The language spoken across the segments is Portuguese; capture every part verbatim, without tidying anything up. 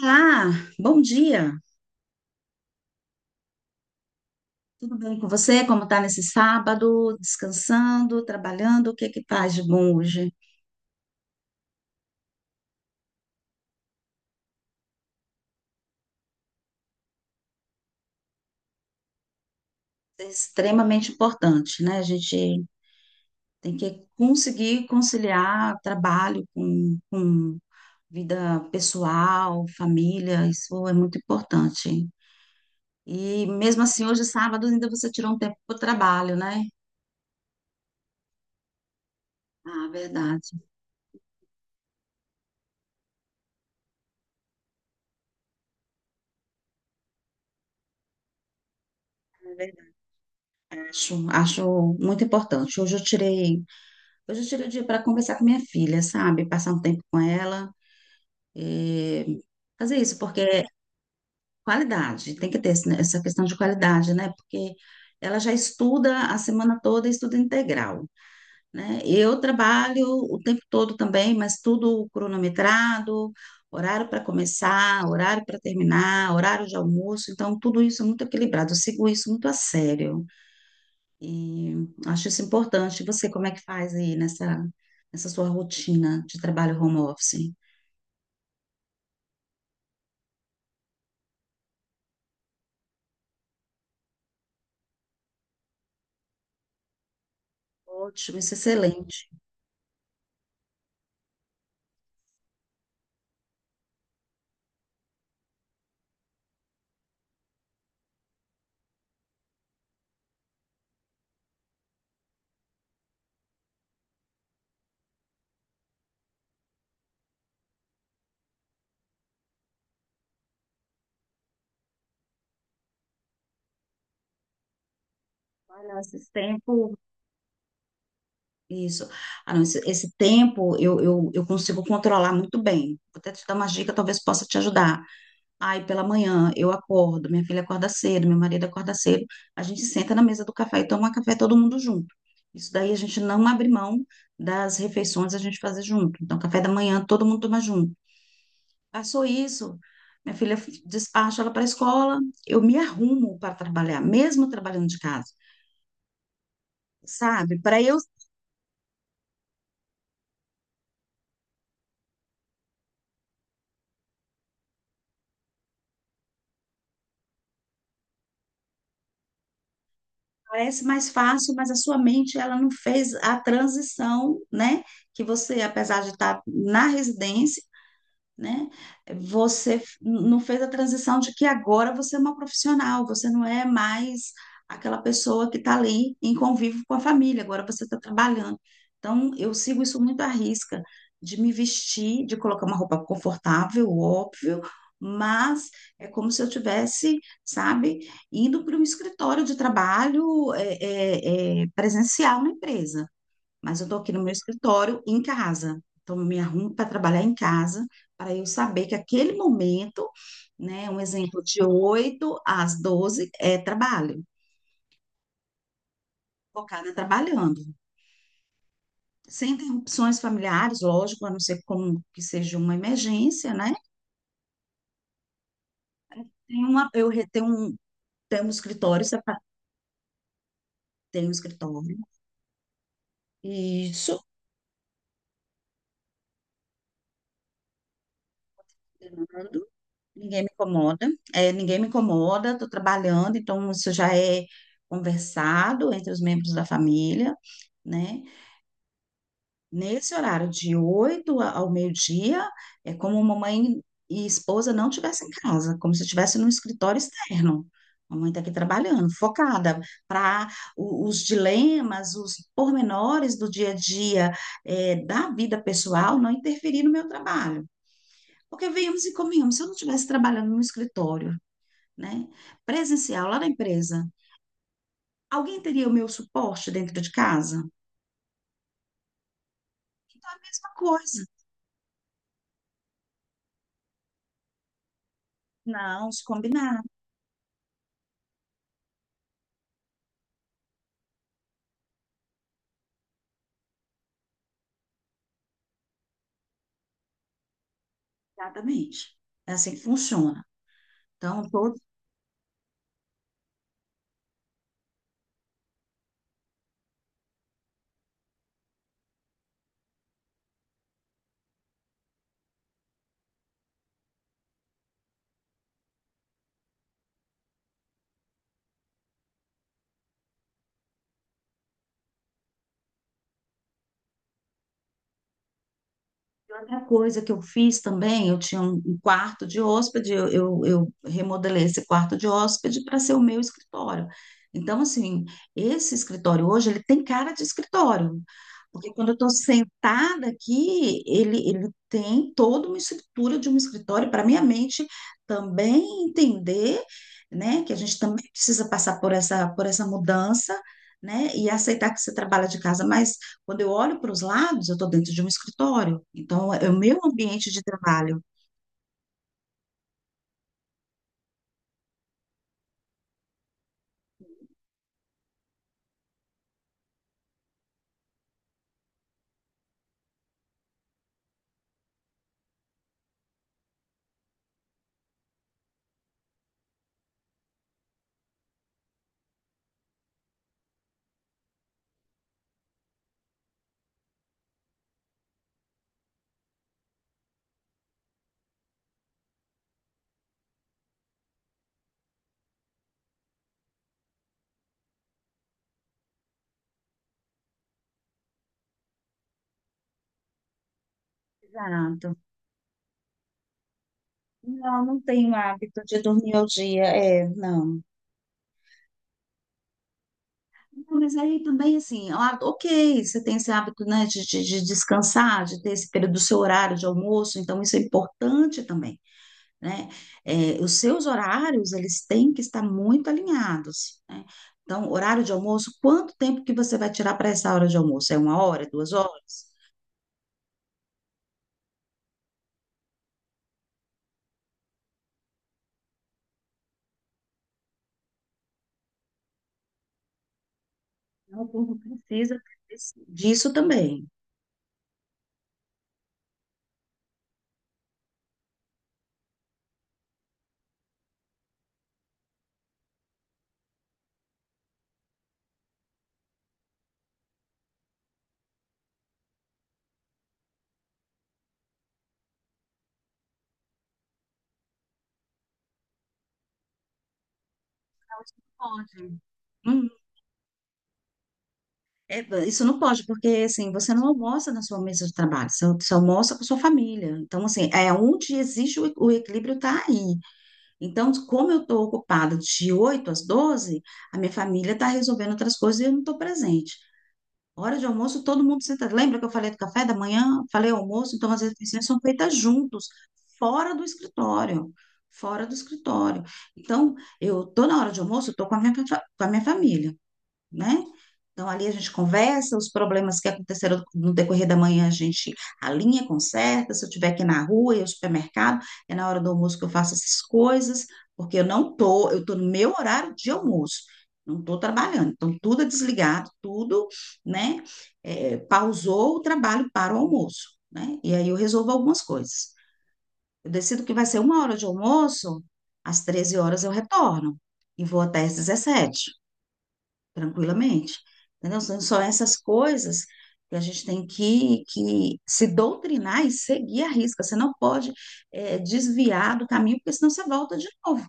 Olá, bom dia. Tudo bem com você? Como está nesse sábado? Descansando, trabalhando? O que é que faz de bom hoje? É extremamente importante, né? A gente tem que conseguir conciliar trabalho com, com vida pessoal, família, isso é muito importante. E mesmo assim, hoje sábado ainda você tirou um tempo para o trabalho, né? Ah, verdade. Acho, acho muito importante. Hoje eu tirei Hoje eu tirei o dia para conversar com minha filha, sabe? Passar um tempo com ela, eh, fazer isso, porque é qualidade, tem que ter esse- né, essa questão de qualidade, né? Porque ela já estuda a semana toda, e estuda integral, né? Eu trabalho o tempo todo também, mas tudo cronometrado, horário para começar, horário para terminar, horário de almoço, então tudo isso é muito equilibrado, eu sigo isso muito a sério. E acho isso importante. E você, como é que faz aí nessa, nessa sua rotina de trabalho home office? Ótimo, isso é excelente. Ah, não, esse tempo, isso. Ah, não, esse, esse tempo eu, eu, eu consigo controlar muito bem. Vou até te dar uma dica, talvez possa te ajudar. Ai, pela manhã eu acordo, minha filha acorda cedo, meu marido acorda cedo, a gente senta na mesa do café e toma café todo mundo junto. Isso daí a gente não abre mão das refeições a gente fazer junto. Então, café da manhã todo mundo toma junto. Passou isso. Minha filha despacha ela para a escola, eu me arrumo para trabalhar, mesmo trabalhando de casa, sabe? Para eu parece mais fácil, mas a sua mente ela não fez a transição, né? Que você, apesar de estar na residência, né? Você f- não fez a transição de que agora você é uma profissional, você não é mais aquela pessoa que está ali em convívio com a família, agora você está trabalhando. Então, eu sigo isso muito à risca, de me vestir, de colocar uma roupa confortável, óbvio, mas é como se eu tivesse, sabe, indo para um escritório de trabalho é, é, é, presencial na empresa, mas eu estou aqui no meu escritório em casa. Então, eu me arrumo para trabalhar em casa, para eu saber que aquele momento, né, um exemplo de oito às doze é trabalho, focada trabalhando. Sem interrupções familiares, lógico, a não ser como que seja uma emergência, né? Tem uma, eu re- tenho um, tenho um escritório, sepa- tenho um escritório, e isso. Ninguém me incomoda, é, ninguém me incomoda, estou trabalhando, então isso já é conversado entre os membros da família, né? Nesse horário de oito a- ao meio-dia, é como mamãe e esposa não estivessem em casa, como se estivesse num escritório externo. A mãe está aqui trabalhando, focada para os dilemas, os pormenores do dia a dia, é, da vida pessoal não interferir no meu trabalho. Porque viemos e convenhamos, se eu não estivesse trabalhando no escritório, né? Presencial, lá na empresa. Alguém teria o meu suporte dentro de casa? Então é a mesma coisa. Não, se combinar. Exatamente. É assim que funciona. Então, todo Outra coisa que eu fiz também, eu tinha um um quarto de hóspede, eu, eu, eu remodelei esse quarto de hóspede para ser o meu escritório. Então, assim, esse escritório hoje, ele tem cara de escritório, porque quando eu estou sentada aqui, ele, ele tem toda uma estrutura de um escritório para minha mente também entender, né, que a gente também precisa passar por essa, por essa mudança, né, e aceitar que você trabalha de casa, mas quando eu olho para os lados, eu estou dentro de um escritório. Então, é o meu ambiente de trabalho. Exato. Não, não tenho hábito de dormir ao dia. É, não. Não, mas aí também, assim, ah, ok, você tem esse hábito, né, de, de, de descansar, de ter esse período do seu horário de almoço, então isso é importante também, né? É, os seus horários, eles têm que estar muito alinhados, né? Então, horário de almoço, quanto tempo que você vai tirar para essa hora de almoço? É uma hora, duas horas? Então, o povo precisa disso também. Pode. Hum, é, isso não pode, porque assim, você não almoça na sua mesa de trabalho, você, você almoça com sua família. Então, assim, é onde existe o, o equilíbrio está aí. Então, como eu estou ocupada de oito às doze, a minha família está resolvendo outras coisas e eu não estou presente. Hora de almoço, todo mundo senta. Lembra que eu falei do café da manhã? Falei almoço, então as refeições são feitas juntos, fora do escritório. Fora do escritório. Então, eu tô na hora de almoço, eu tô com a minha, fa- com a minha família, né? Então, ali a gente conversa, os problemas que aconteceram no decorrer da manhã, a gente alinha, conserta. Se eu estiver aqui na rua e ao supermercado, é na hora do almoço que eu faço essas coisas, porque eu não tô, eu tô no meu horário de almoço, não tô trabalhando. Então, tudo é desligado, tudo, né? É, pausou o trabalho para o almoço, né? E aí eu resolvo algumas coisas. Eu decido que vai ser uma hora de almoço, às treze horas eu retorno e vou até às dezessete tranquilamente. Entendeu? São são essas coisas que a gente tem que, que se doutrinar e seguir a risca. Você não pode eh, desviar do caminho, porque senão você volta de novo.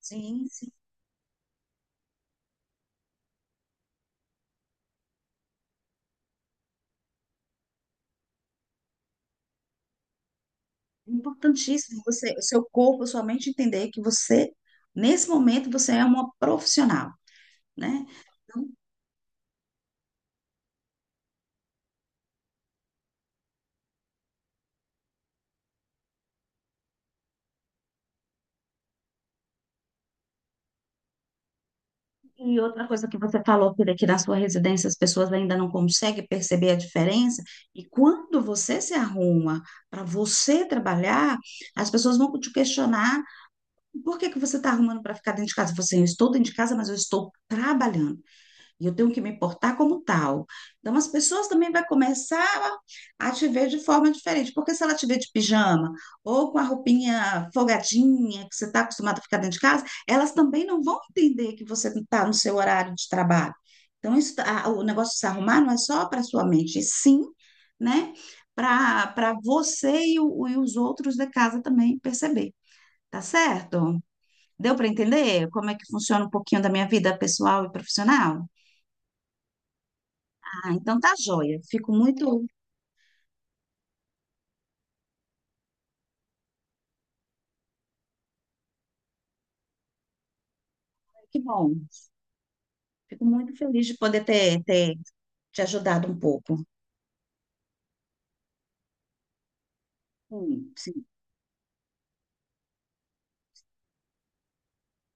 Sim, sim. Importantíssimo você, o seu corpo, a sua mente entender que você, nesse momento, você é uma profissional, né? Então, E outra coisa que você falou, Pira, que na sua residência as pessoas ainda não conseguem perceber a diferença, e quando você se arruma para você trabalhar, as pessoas vão te questionar por que que você está arrumando para ficar dentro de casa? Você, eu estou dentro de casa, mas eu estou trabalhando. E eu tenho que me importar como tal. Então, as pessoas também vão começar a te ver de forma diferente. Porque se ela te ver de pijama ou com a roupinha folgadinha, que você está acostumado a ficar dentro de casa, elas também não vão entender que você está no seu horário de trabalho. Então, isso, tá, a- o negócio de se arrumar não é só para sua mente, e sim, né? Para para você e, o- e os outros da casa também perceber. Tá certo? Deu para entender como é que funciona um pouquinho da minha vida pessoal e profissional? Ah, então tá joia. Fico muito, que bom. Fico muito feliz de poder ter, ter te ajudado um pouco. Sim, sim.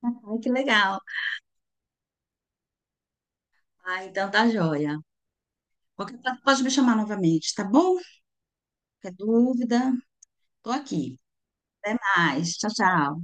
Ai, que legal. Ah, então tá joia. Qualquer coisa pode me chamar novamente, tá bom? Qualquer dúvida, tô aqui. Até mais. Tchau, tchau.